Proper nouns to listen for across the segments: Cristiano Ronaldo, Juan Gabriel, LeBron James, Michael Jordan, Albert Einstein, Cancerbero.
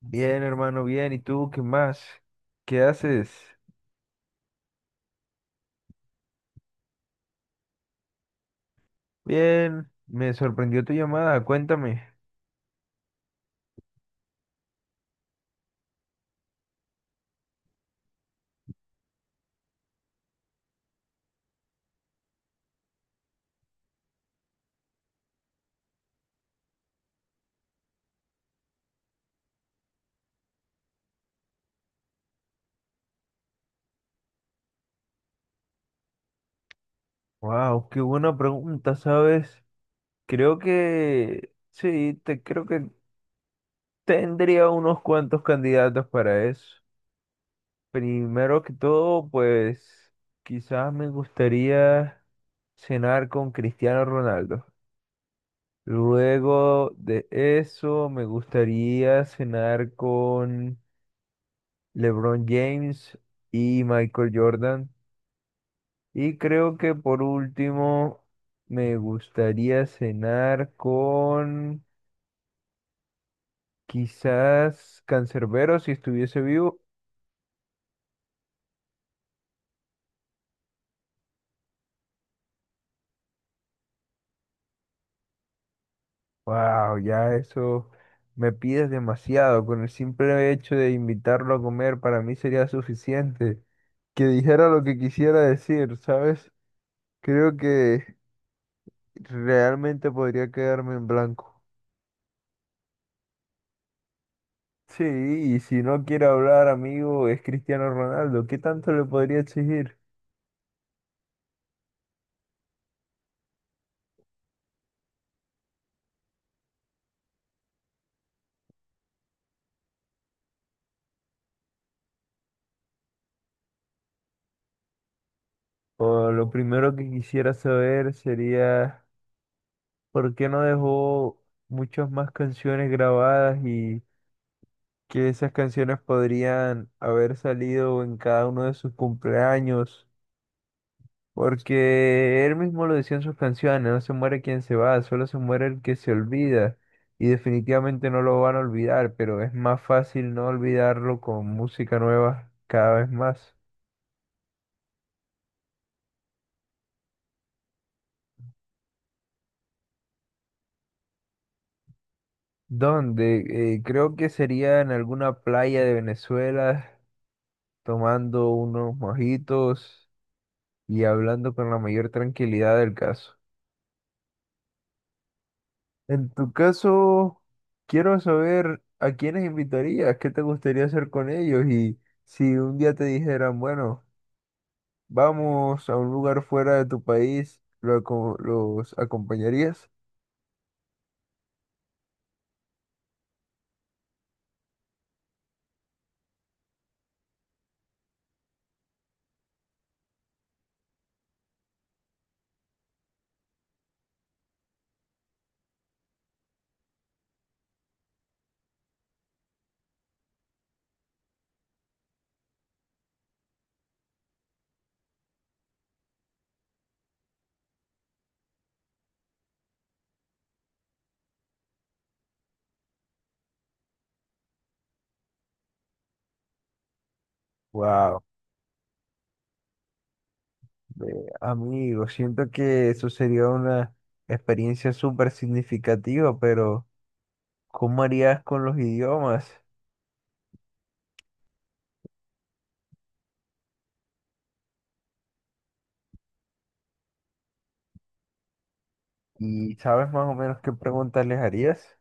Bien, hermano, bien. ¿Y tú qué más? ¿Qué haces? Bien, me sorprendió tu llamada, cuéntame. Wow, qué buena pregunta, ¿sabes? Creo que sí, te creo que tendría unos cuantos candidatos para eso. Primero que todo, pues quizás me gustaría cenar con Cristiano Ronaldo. Luego de eso, me gustaría cenar con LeBron James y Michael Jordan. Y creo que por último me gustaría cenar con quizás Cancerbero si estuviese vivo. Wow, ya eso me pides demasiado. Con el simple hecho de invitarlo a comer para mí sería suficiente. Que dijera lo que quisiera decir, ¿sabes? Creo que realmente podría quedarme en blanco. Sí, y si no quiere hablar, amigo, es Cristiano Ronaldo. ¿Qué tanto le podría exigir? O lo primero que quisiera saber sería por qué no dejó muchas más canciones grabadas y que esas canciones podrían haber salido en cada uno de sus cumpleaños, porque él mismo lo decía en sus canciones: no se muere quien se va, solo se muere el que se olvida. Y definitivamente no lo van a olvidar, pero es más fácil no olvidarlo con música nueva cada vez más. Donde creo que sería en alguna playa de Venezuela, tomando unos mojitos y hablando con la mayor tranquilidad del caso. En tu caso, quiero saber a quiénes invitarías, qué te gustaría hacer con ellos y si un día te dijeran, bueno, vamos a un lugar fuera de tu país, ¿los acompañarías? Wow, amigo, siento que eso sería una experiencia súper significativa, pero ¿cómo harías con los idiomas? ¿Y sabes más o menos qué preguntas les harías?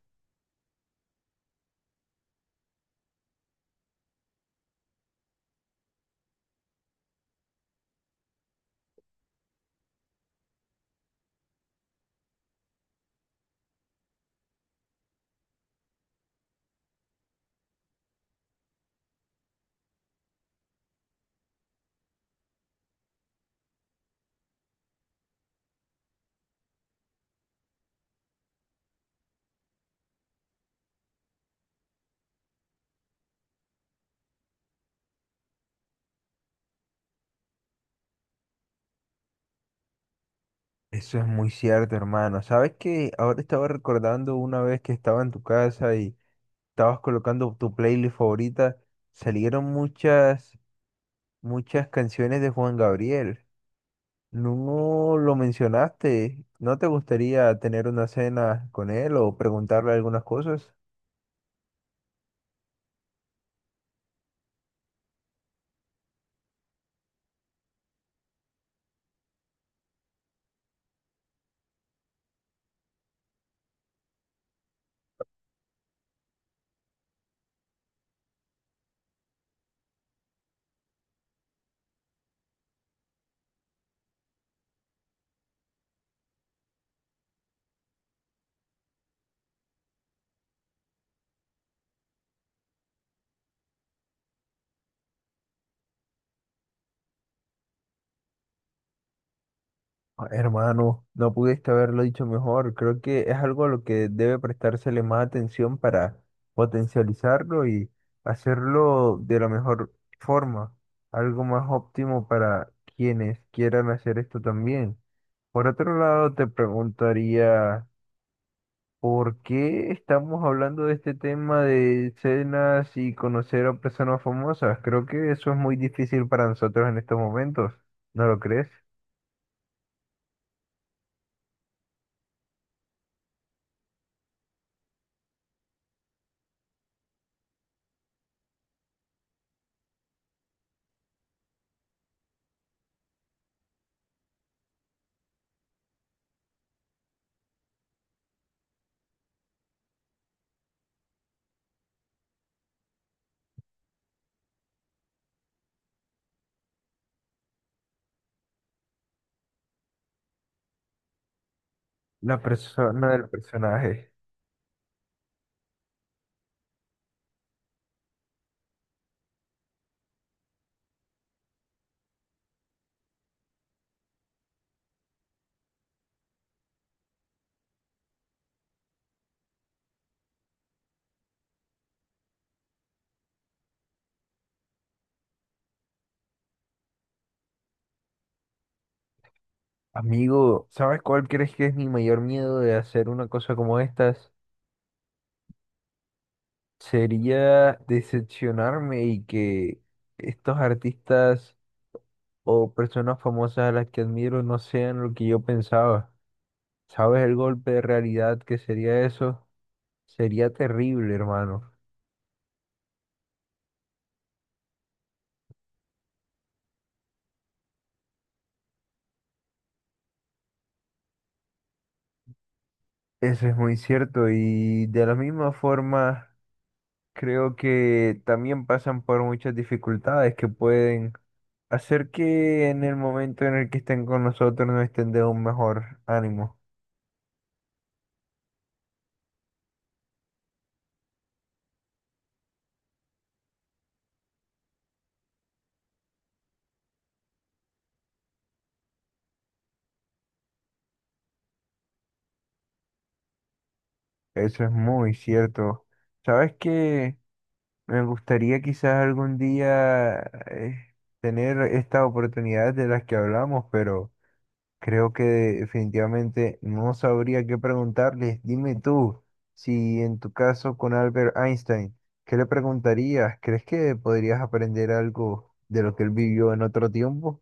Eso es muy cierto, hermano. Sabes que ahora estaba recordando una vez que estaba en tu casa y estabas colocando tu playlist favorita, salieron muchas canciones de Juan Gabriel. No lo mencionaste. ¿No te gustaría tener una cena con él o preguntarle algunas cosas? Ah, hermano, no pudiste haberlo dicho mejor. Creo que es algo a lo que debe prestársele más atención para potencializarlo y hacerlo de la mejor forma, algo más óptimo para quienes quieran hacer esto también. Por otro lado, te preguntaría, ¿por qué estamos hablando de este tema de cenas y conocer a personas famosas? Creo que eso es muy difícil para nosotros en estos momentos, ¿no lo crees? La persona del personaje. Amigo, ¿sabes cuál crees que es mi mayor miedo de hacer una cosa como estas? Sería decepcionarme y que estos artistas o personas famosas a las que admiro no sean lo que yo pensaba. ¿Sabes el golpe de realidad que sería eso? Sería terrible, hermano. Eso es muy cierto y de la misma forma creo que también pasan por muchas dificultades que pueden hacer que en el momento en el que estén con nosotros nos estén de un mejor ánimo. Eso es muy cierto. ¿Sabes que me gustaría quizás algún día tener estas oportunidades de las que hablamos? Pero creo que definitivamente no sabría qué preguntarles. Dime tú, si en tu caso con Albert Einstein, ¿qué le preguntarías? ¿Crees que podrías aprender algo de lo que él vivió en otro tiempo?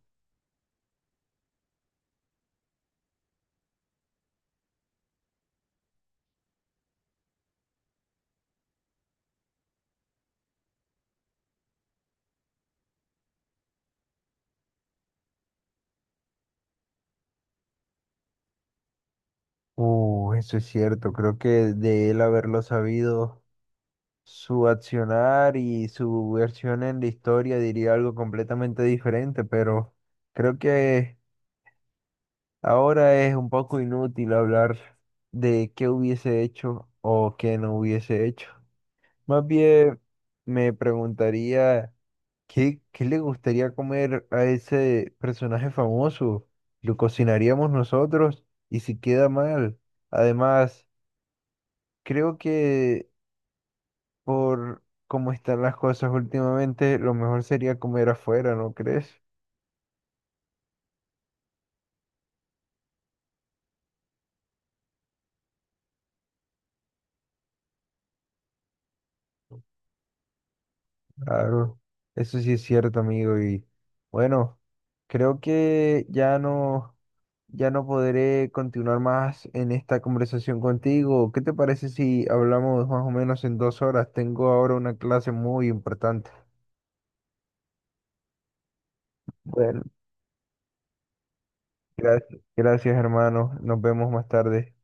Eso es cierto. Creo que de él haberlo sabido, su accionar y su versión en la historia diría algo completamente diferente, pero creo que ahora es un poco inútil hablar de qué hubiese hecho o qué no hubiese hecho. Más bien me preguntaría qué le gustaría comer a ese personaje famoso. ¿Lo cocinaríamos nosotros? ¿Y si queda mal? Además, creo que por cómo están las cosas últimamente, lo mejor sería comer afuera, ¿no crees? Claro, eso sí es cierto, amigo. Y bueno, creo que ya no podré continuar más en esta conversación contigo. ¿Qué te parece si hablamos más o menos en 2 horas? Tengo ahora una clase muy importante. Bueno, gracias, hermano. Nos vemos más tarde.